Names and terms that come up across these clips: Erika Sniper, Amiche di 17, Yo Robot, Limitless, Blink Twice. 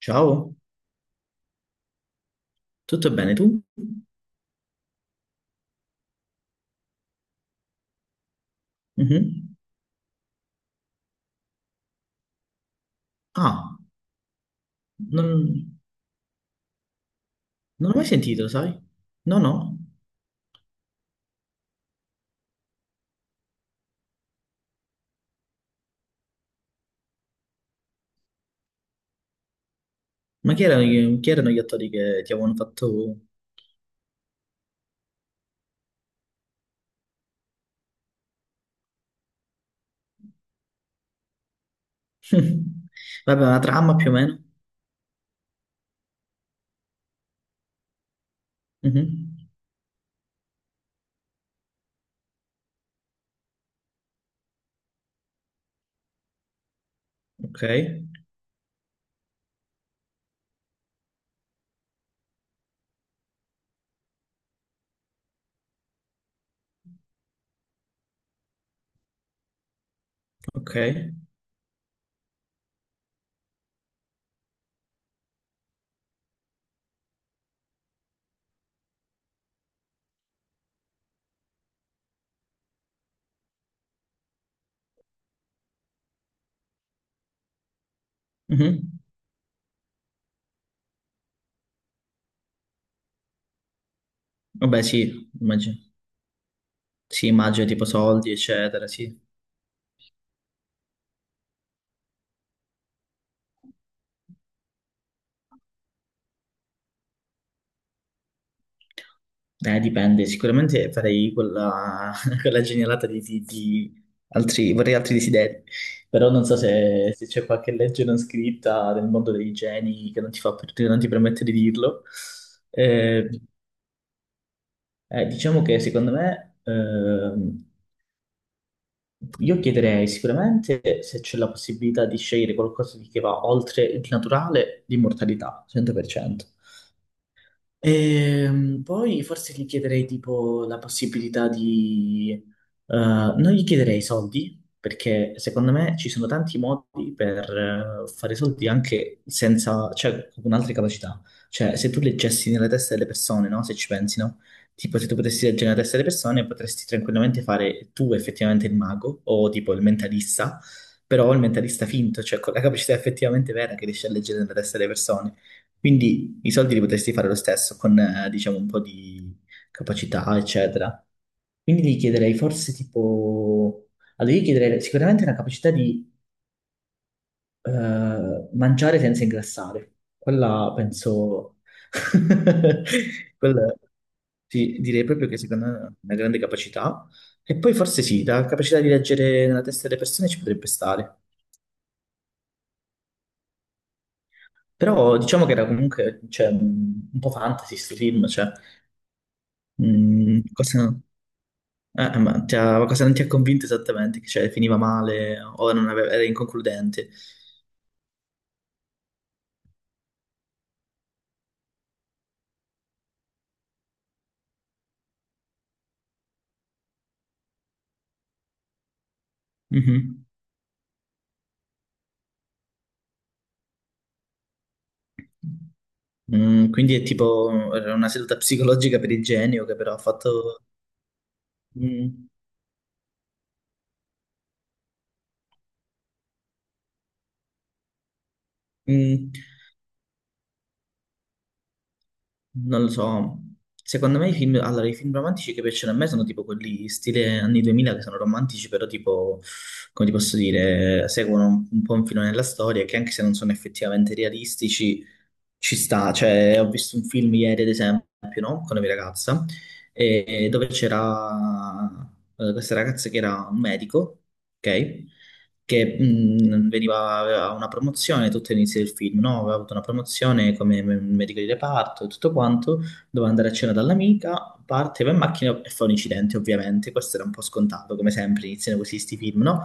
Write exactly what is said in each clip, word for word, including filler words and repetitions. Ciao, tutto bene tu? Mhm. Ah, non, non l'ho mai sentito, sai? No, no. Ma chi erano, gli chi erano gli attori che ti avevano fatto... Vabbè, una trama più o meno. Mhm. Ok, ok. Mhm. Vabbè, sì, immagino. Sì, immagino tipo soldi, eccetera, sì. Eh, dipende, sicuramente farei quella, quella genialata di, di- di altri, vorrei altri desideri, però non so se, se c'è qualche legge non scritta nel mondo dei geni che non ti fa, per- che non ti permette di dirlo. Eh, eh, diciamo che secondo me, ehm, io chiederei sicuramente se c'è la possibilità di scegliere qualcosa di- che va oltre il naturale, l'immortalità, cento per cento. Ehm, poi forse gli chiederei tipo la possibilità di... eh, non gli chiederei soldi, perché secondo me ci sono tanti modi per eh, fare soldi anche senza, cioè con altre capacità. Cioè se tu leggessi nella testa delle persone, no? Se ci pensi, no? Tipo se tu potessi leggere nella testa delle persone potresti tranquillamente fare tu effettivamente il mago o tipo il mentalista, però il mentalista finto, cioè con la capacità effettivamente vera che riesci a leggere nella testa delle persone. Quindi i soldi li potresti fare lo stesso con, eh, diciamo, un po' di capacità, eccetera. Quindi gli chiederei forse tipo... Allora, io chiederei sicuramente una capacità di eh, mangiare senza ingrassare. Quella penso... Quella... Sì, direi proprio che secondo me è una grande capacità. E poi forse sì, la capacità di leggere nella testa delle persone ci potrebbe stare. Però diciamo che era comunque cioè, un po' fantasy sto film, cioè, mm, cosa... Eh, ma ti ha- cosa non ti ha convinto esattamente? Che cioè, finiva male o non aveva- era inconcludente? Mhm. Mm, quindi è tipo era una seduta psicologica per il genio che però ha fatto... Mm, mm. Non lo so, secondo me i film, allora, i film romantici che piacciono a me sono tipo quelli stile anni duemila che sono romantici, però tipo, come ti posso dire, seguono un, un po' un filone della storia che anche se non sono effettivamente realistici, ci sta. Cioè, ho visto un film ieri, ad esempio, no? Con la mia ragazza, e- dove c'era eh, questa ragazza che era un medico, ok? Che mh, veniva, aveva una promozione tutto all'inizio del film, no? Aveva avuto una promozione come me- medico di reparto e tutto quanto, doveva andare a cena dall'amica, parte, va in macchina e fa un incidente, ovviamente, questo era un po' scontato, come sempre iniziano così sti film, no?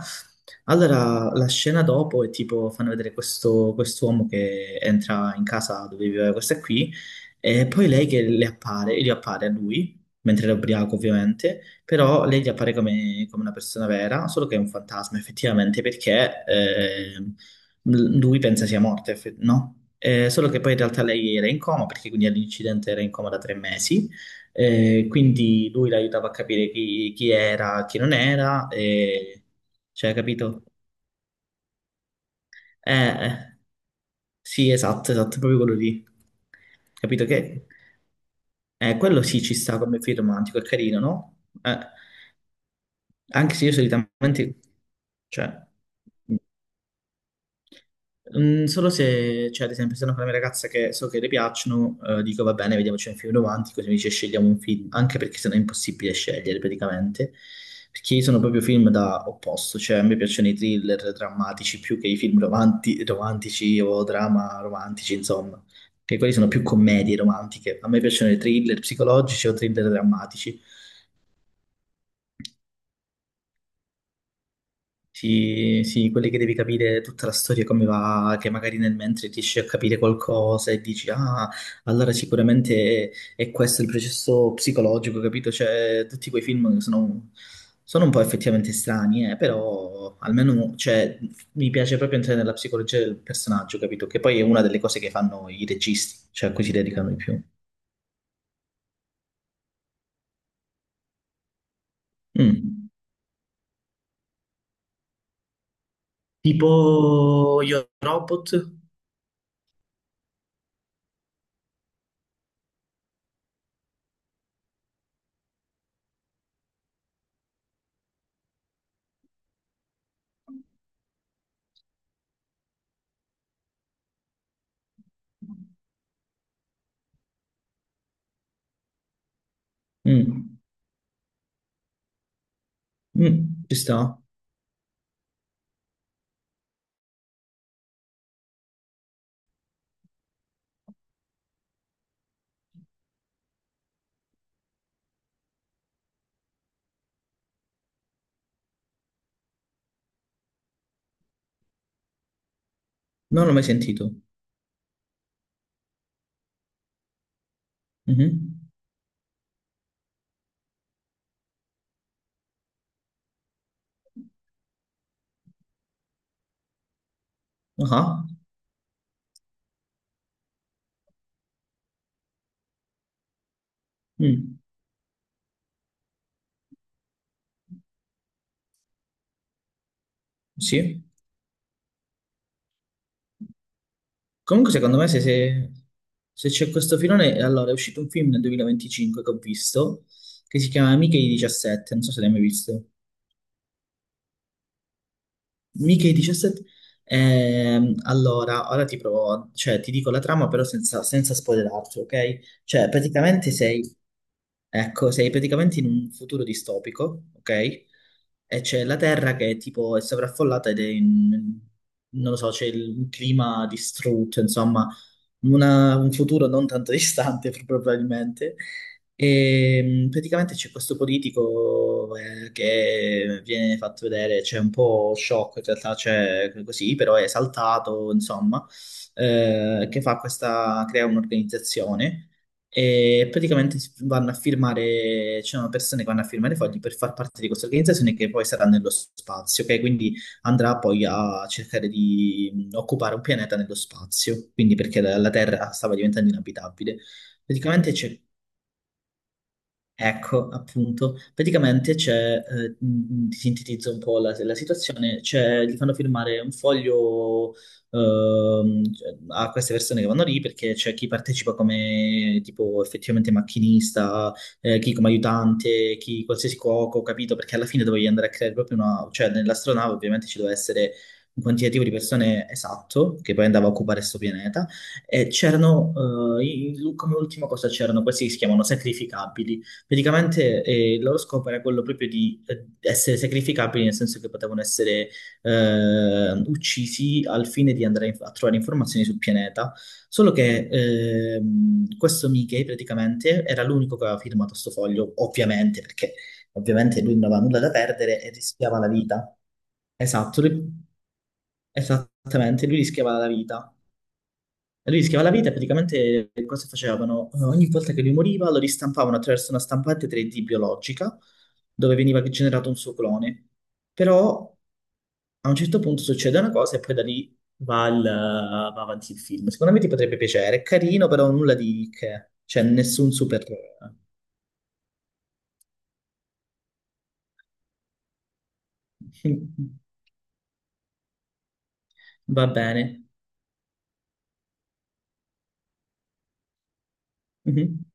Allora, la scena dopo è tipo, fanno vedere questo quest'uomo che entra in casa dove viveva questa qui, e poi lei che le appare, gli appare a lui, mentre era ubriaco ovviamente, però lei gli appare come, come una persona vera, solo che è un fantasma effettivamente, perché eh, lui pensa sia morta, eff- no? Eh, solo che poi in realtà lei era in coma, perché quindi all'incidente era in coma da tre mesi, eh, quindi lui l'aiutava a capire chi, chi era, chi non era, e cioè, capito? Eh, eh, sì, esatto, esatto, proprio quello lì. Capito che... Eh, quello sì ci sta come film romantico, è carino, no? Eh, Anche se io solitamente... Cioè, Mm, solo se, cioè, ad esempio, sono con la mia ragazza che so che le piacciono, eh, dico va bene, vediamoci un film davanti, così mi dice scegliamo un film, anche perché sennò è impossibile scegliere praticamente, perché io sono proprio film da opposto, cioè a me piacciono i thriller drammatici più che i film romanti- romantici o drama romantici, insomma, che quelli sono più commedie romantiche, a me piacciono i thriller psicologici o thriller drammatici. Sì, sì, quelli che devi capire tutta la storia come va, che magari nel mentre riesci a capire qualcosa e dici, ah, allora sicuramente è questo il processo psicologico, capito? Cioè, tutti quei film sono, sono un po' effettivamente strani, eh, però almeno, cioè, mi piace proprio entrare nella psicologia del personaggio, capito? Che poi è una delle cose che fanno i registi, cioè a cui si dedicano di più. Mm. Tipo Yo Robot? Mm. Mm. Ci sta? Non l'ho mai sentito. Mhm. Ah, mm, sì. Comunque secondo me se, se- se c'è questo filone, allora è uscito un film nel duemilaventicinque che ho visto, che si chiama Amiche di diciassette, non so se l'hai mai visto. Mica i diciassette. Ehm, allora, ora ti provo, cioè ti dico la trama però senza, senza spoilerarti, ok? Cioè praticamente sei, ecco, sei praticamente in un futuro distopico, ok? E c'è la Terra che tipo è sovraffollata ed è in, non lo so, c'è il- un clima distrutto, insomma, una- un futuro non tanto distante probabilmente. E mh, praticamente c'è questo politico eh, che viene fatto vedere, c'è un po' shock in realtà, c'è così, però è esaltato, insomma, eh, che fa questa, crea un'organizzazione e praticamente si- vanno a firmare, ci sono persone che vanno a firmare fogli per far parte di questa organizzazione che poi sarà nello spazio, ok? Quindi andrà poi a cercare di mh, occupare un pianeta nello spazio, quindi perché la la Terra stava diventando inabitabile. Praticamente c'è Ecco, appunto, praticamente c'è, eh, mh, ti sintetizzo un po' la, la situazione, c'è, gli fanno firmare un foglio ehm, cioè, a queste persone che vanno lì perché c'è chi partecipa come tipo effettivamente macchinista, eh, chi come aiutante, chi qualsiasi cuoco, capito? Perché alla fine dovevi andare a creare proprio una, cioè nell'astronave ovviamente ci doveva essere un quantitativo di persone esatto, che poi andava a occupare questo pianeta, e c'erano, eh, i- come ultima cosa c'erano questi che si chiamano sacrificabili. Praticamente eh, il loro scopo era quello proprio di eh, essere sacrificabili, nel senso che potevano essere eh, uccisi al fine di andare a trovare informazioni sul pianeta. Solo che ehm, questo Mickey praticamente era l'unico che aveva firmato sto foglio, ovviamente, perché ovviamente lui non aveva nulla da perdere e rischiava la vita. Esatto, lui- esattamente, lui rischiava la vita. Lui rischiava la vita, praticamente cosa facevano? Eh, Ogni volta che lui moriva lo ristampavano attraverso una stampante tre D biologica dove veniva generato un suo clone. Però a un certo punto succede una cosa e poi da lì va, il- va avanti il film. Secondo me ti potrebbe piacere, è carino, però nulla di che, cioè nessun super... Va bene. Mhm.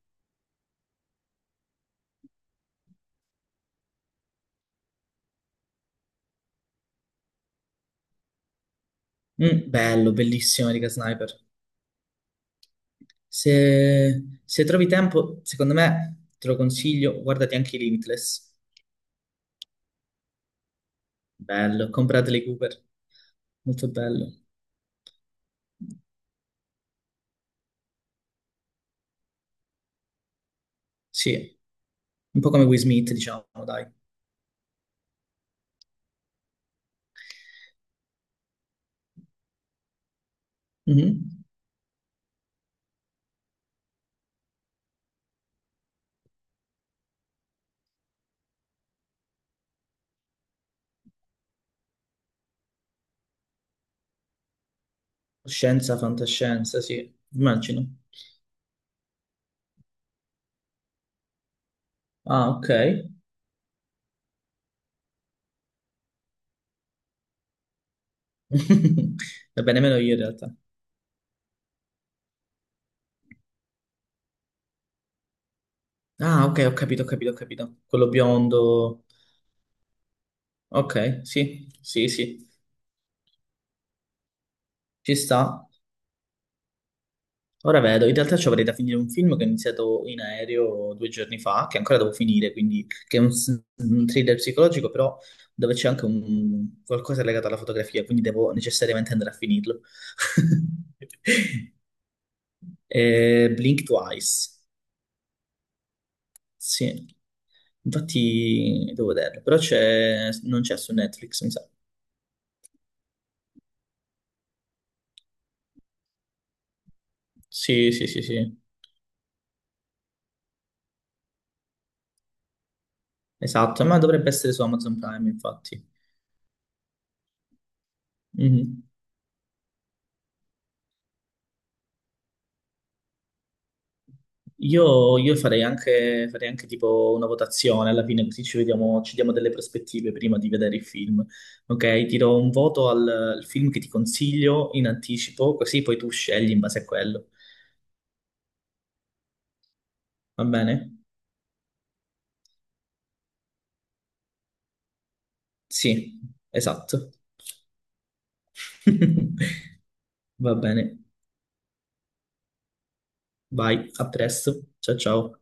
Mm, bello, bellissimo Erika Sniper. Se, se trovi tempo, secondo me te lo consiglio, guardati anche i Limitless. Bello, ho con Bradley Cooper, molto bello. Sì, un po' come Will Smith, diciamo, dai. Mhm. Scienza, fantascienza, sì, immagino. Ah, ok. Va bene, meno io in realtà. Ah, ok, ho capito, ho capito, ho capito. Quello biondo. Ok, sì, sì, sì, ci sta. Ora vedo, in realtà ci avrei da finire un film che ho iniziato in aereo due giorni fa, che ancora devo finire, quindi che è un, s- un thriller psicologico, però dove c'è anche un, qualcosa legato alla fotografia, quindi devo necessariamente andare a finirlo. Eh, Blink Twice, sì. Infatti devo vederlo, però c'è, non c'è su Netflix, mi sa. Sì, sì, sì, sì, esatto, ma dovrebbe essere su Amazon Prime, infatti. Mhm. Io, io farei anche, farei anche tipo una votazione alla fine, così ci vediamo, ci diamo delle prospettive prima di vedere il film. Ok, ti do un voto al, al film che ti consiglio in anticipo, così poi tu scegli in base a quello. Va bene? Sì, esatto. Va bene. Vai, a presto. Ciao ciao.